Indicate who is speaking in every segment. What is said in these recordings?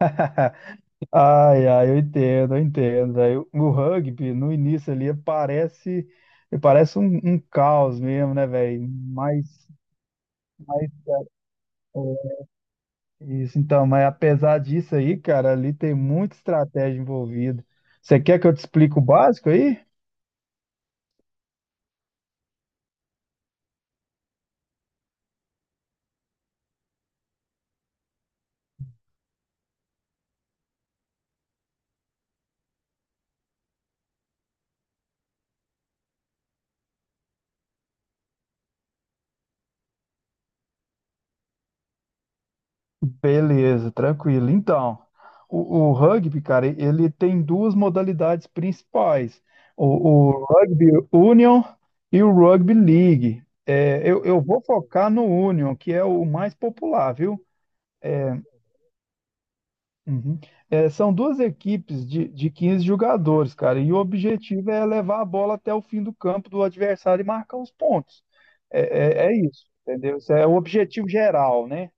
Speaker 1: Ai, ai, eu entendo, eu entendo. Aí, o rugby, no início ali, parece um caos mesmo, né, velho? Mas é isso, então, mas apesar disso aí, cara, ali tem muita estratégia envolvida. Você quer que eu te explique o básico aí? Beleza, tranquilo. Então, o rugby, cara, ele tem duas modalidades principais: o Rugby Union e o Rugby League. Eu vou focar no Union, que é o mais popular, viu? É, uhum. São duas equipes de 15 jogadores, cara, e o objetivo é levar a bola até o fim do campo do adversário e marcar os pontos. É isso, entendeu? Isso é o objetivo geral, né?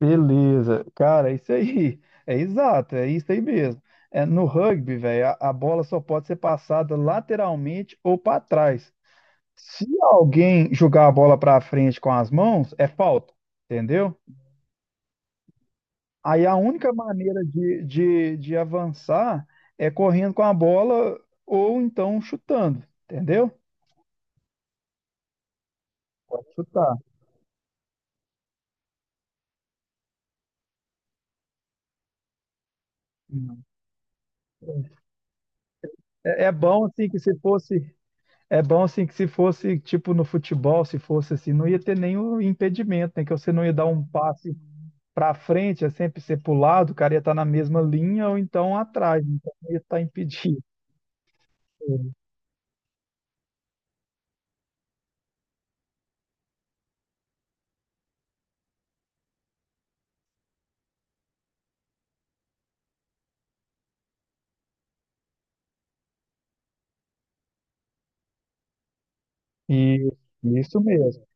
Speaker 1: Beleza, cara, é isso aí. É exato, é isso aí mesmo. No rugby, velho, a bola só pode ser passada lateralmente ou para trás. Se alguém jogar a bola para frente com as mãos, é falta, entendeu? Aí a única maneira de, de avançar é correndo com a bola ou então chutando, entendeu? Pode chutar. Uhum. É, é bom assim que se fosse É bom assim que se fosse tipo no futebol, se fosse assim, não ia ter nenhum impedimento, né? Que você não ia dar um passe para frente, é sempre ser pro lado, o cara ia estar na mesma linha ou então atrás, né? Então não ia estar impedido. E isso mesmo,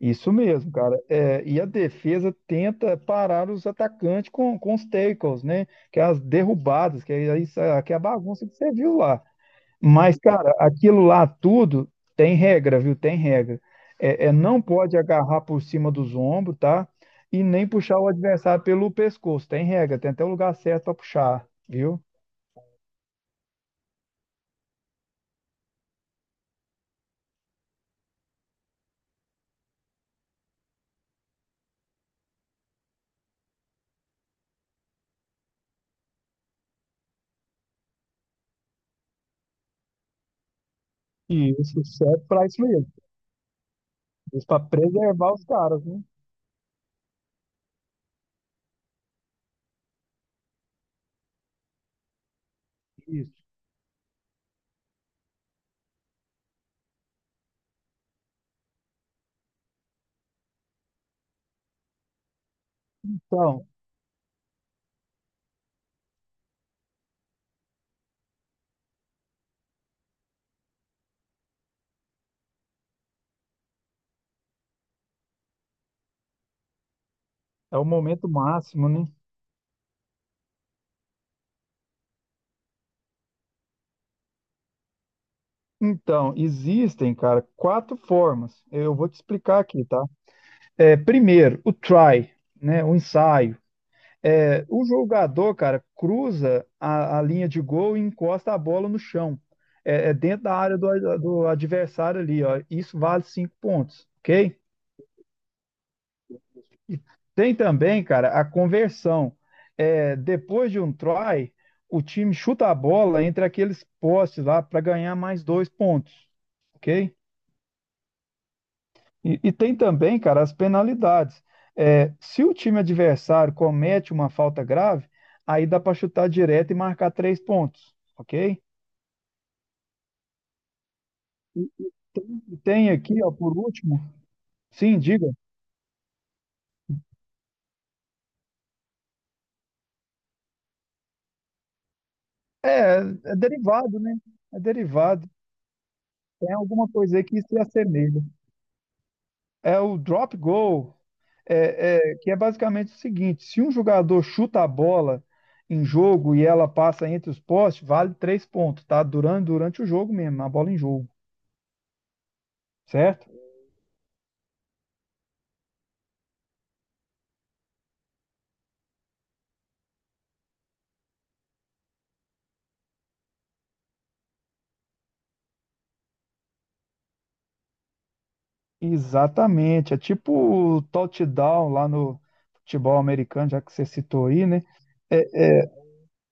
Speaker 1: isso mesmo, cara. E a defesa tenta parar os atacantes com os tackles, né? Que é as derrubadas, que é isso, que é a bagunça que você viu lá. Mas, cara, aquilo lá tudo tem regra, viu? Tem regra. Não pode agarrar por cima dos ombros, tá? E nem puxar o adversário pelo pescoço. Tem regra, tem até o lugar certo para puxar, viu? E isso serve para isso mesmo. Isso para preservar os caras, né? Isso. Então, é o momento máximo, né? Então, existem, cara, quatro formas. Eu vou te explicar aqui, tá? Primeiro, o try, né? O ensaio. O jogador, cara, cruza a linha de gol e encosta a bola no chão. É dentro da área do adversário ali, ó. Isso vale 5 pontos, ok? E tem também, cara, a conversão. Depois de um try, o time chuta a bola entre aqueles postes lá para ganhar mais 2 pontos, ok? E tem também, cara, as penalidades. Se o time adversário comete uma falta grave, aí dá para chutar direto e marcar 3 pontos, ok? Tem aqui, ó, por último, sim, diga, é derivado, né? É derivado. Tem alguma coisa aí que se assemelha. É o drop goal, que é basicamente o seguinte: se um jogador chuta a bola em jogo e ela passa entre os postes, vale 3 pontos, tá? Durante o jogo mesmo, a bola em jogo, certo? Exatamente, é tipo o touchdown lá no futebol americano, já que você citou aí, né? É, é,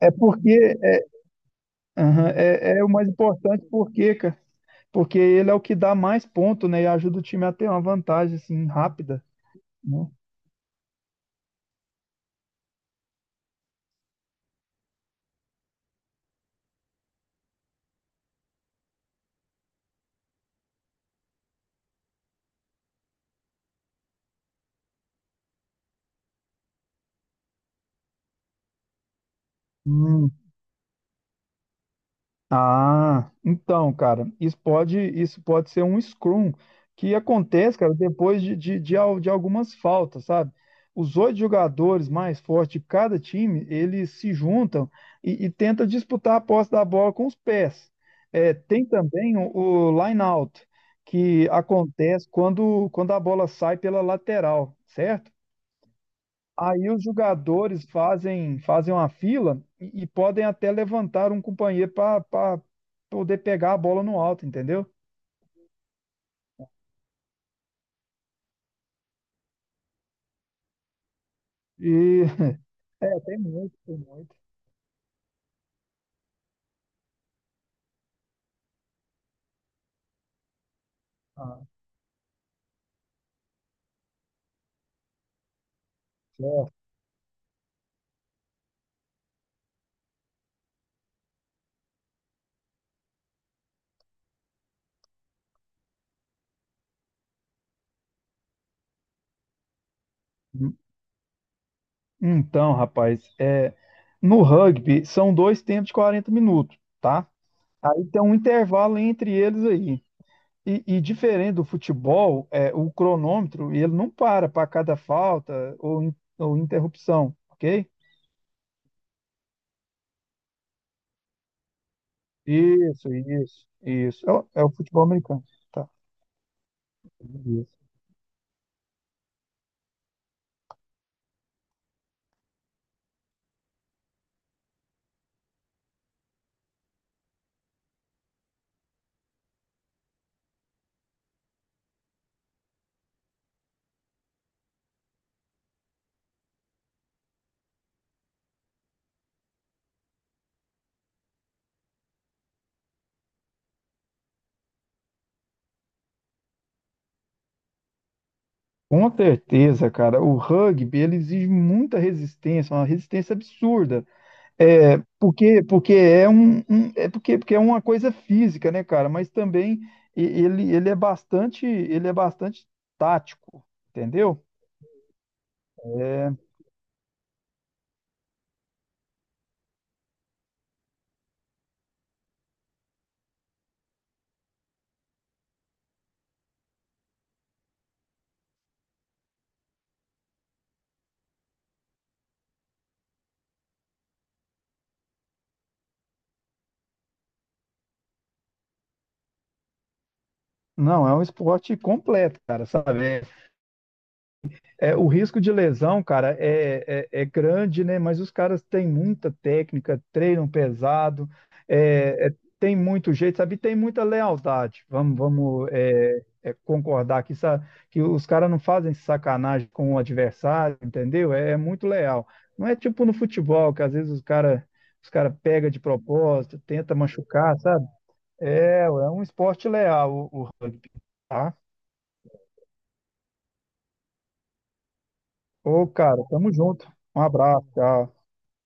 Speaker 1: é porque é, aham, é o mais importante porque, cara, porque ele é o que dá mais ponto, né? E ajuda o time a ter uma vantagem assim rápida, né? Hum. Ah, então, cara, isso pode ser um scrum que acontece, cara, depois de algumas faltas, sabe? Os oito jogadores mais fortes de cada time, eles se juntam e tentam disputar a posse da bola com os pés. Tem também o line out, que acontece quando a bola sai pela lateral, certo? Aí os jogadores fazem uma fila e podem até levantar um companheiro para poder pegar a bola no alto, entendeu? E tem muito, tem muito. Ah, certo. Então, rapaz, no rugby são dois tempos de 40 minutos, tá? Aí tem um intervalo entre eles aí. E diferente do futebol, o cronômetro ele não para para cada falta ou interrupção, ok? Isso, isso, isso. É o, é o futebol americano. Tá. Isso. Com certeza, cara, o rugby ele exige muita resistência, uma resistência absurda. Porque, porque é uma coisa física, né, cara? Mas também ele é bastante tático, entendeu? é Não, é um esporte completo, cara, sabe? O risco de lesão, cara, é grande, né? Mas os caras têm muita técnica, treinam pesado, é, é, tem muito jeito, sabe? E tem muita lealdade. Vamos concordar aqui, sabe? Que os caras não fazem sacanagem com o adversário, entendeu? É muito leal. Não é tipo no futebol, que às vezes os caras os cara pega de propósito, tenta machucar, sabe? É um esporte leal o rugby, tá? Ô, cara, tamo junto. Um abraço, tchau.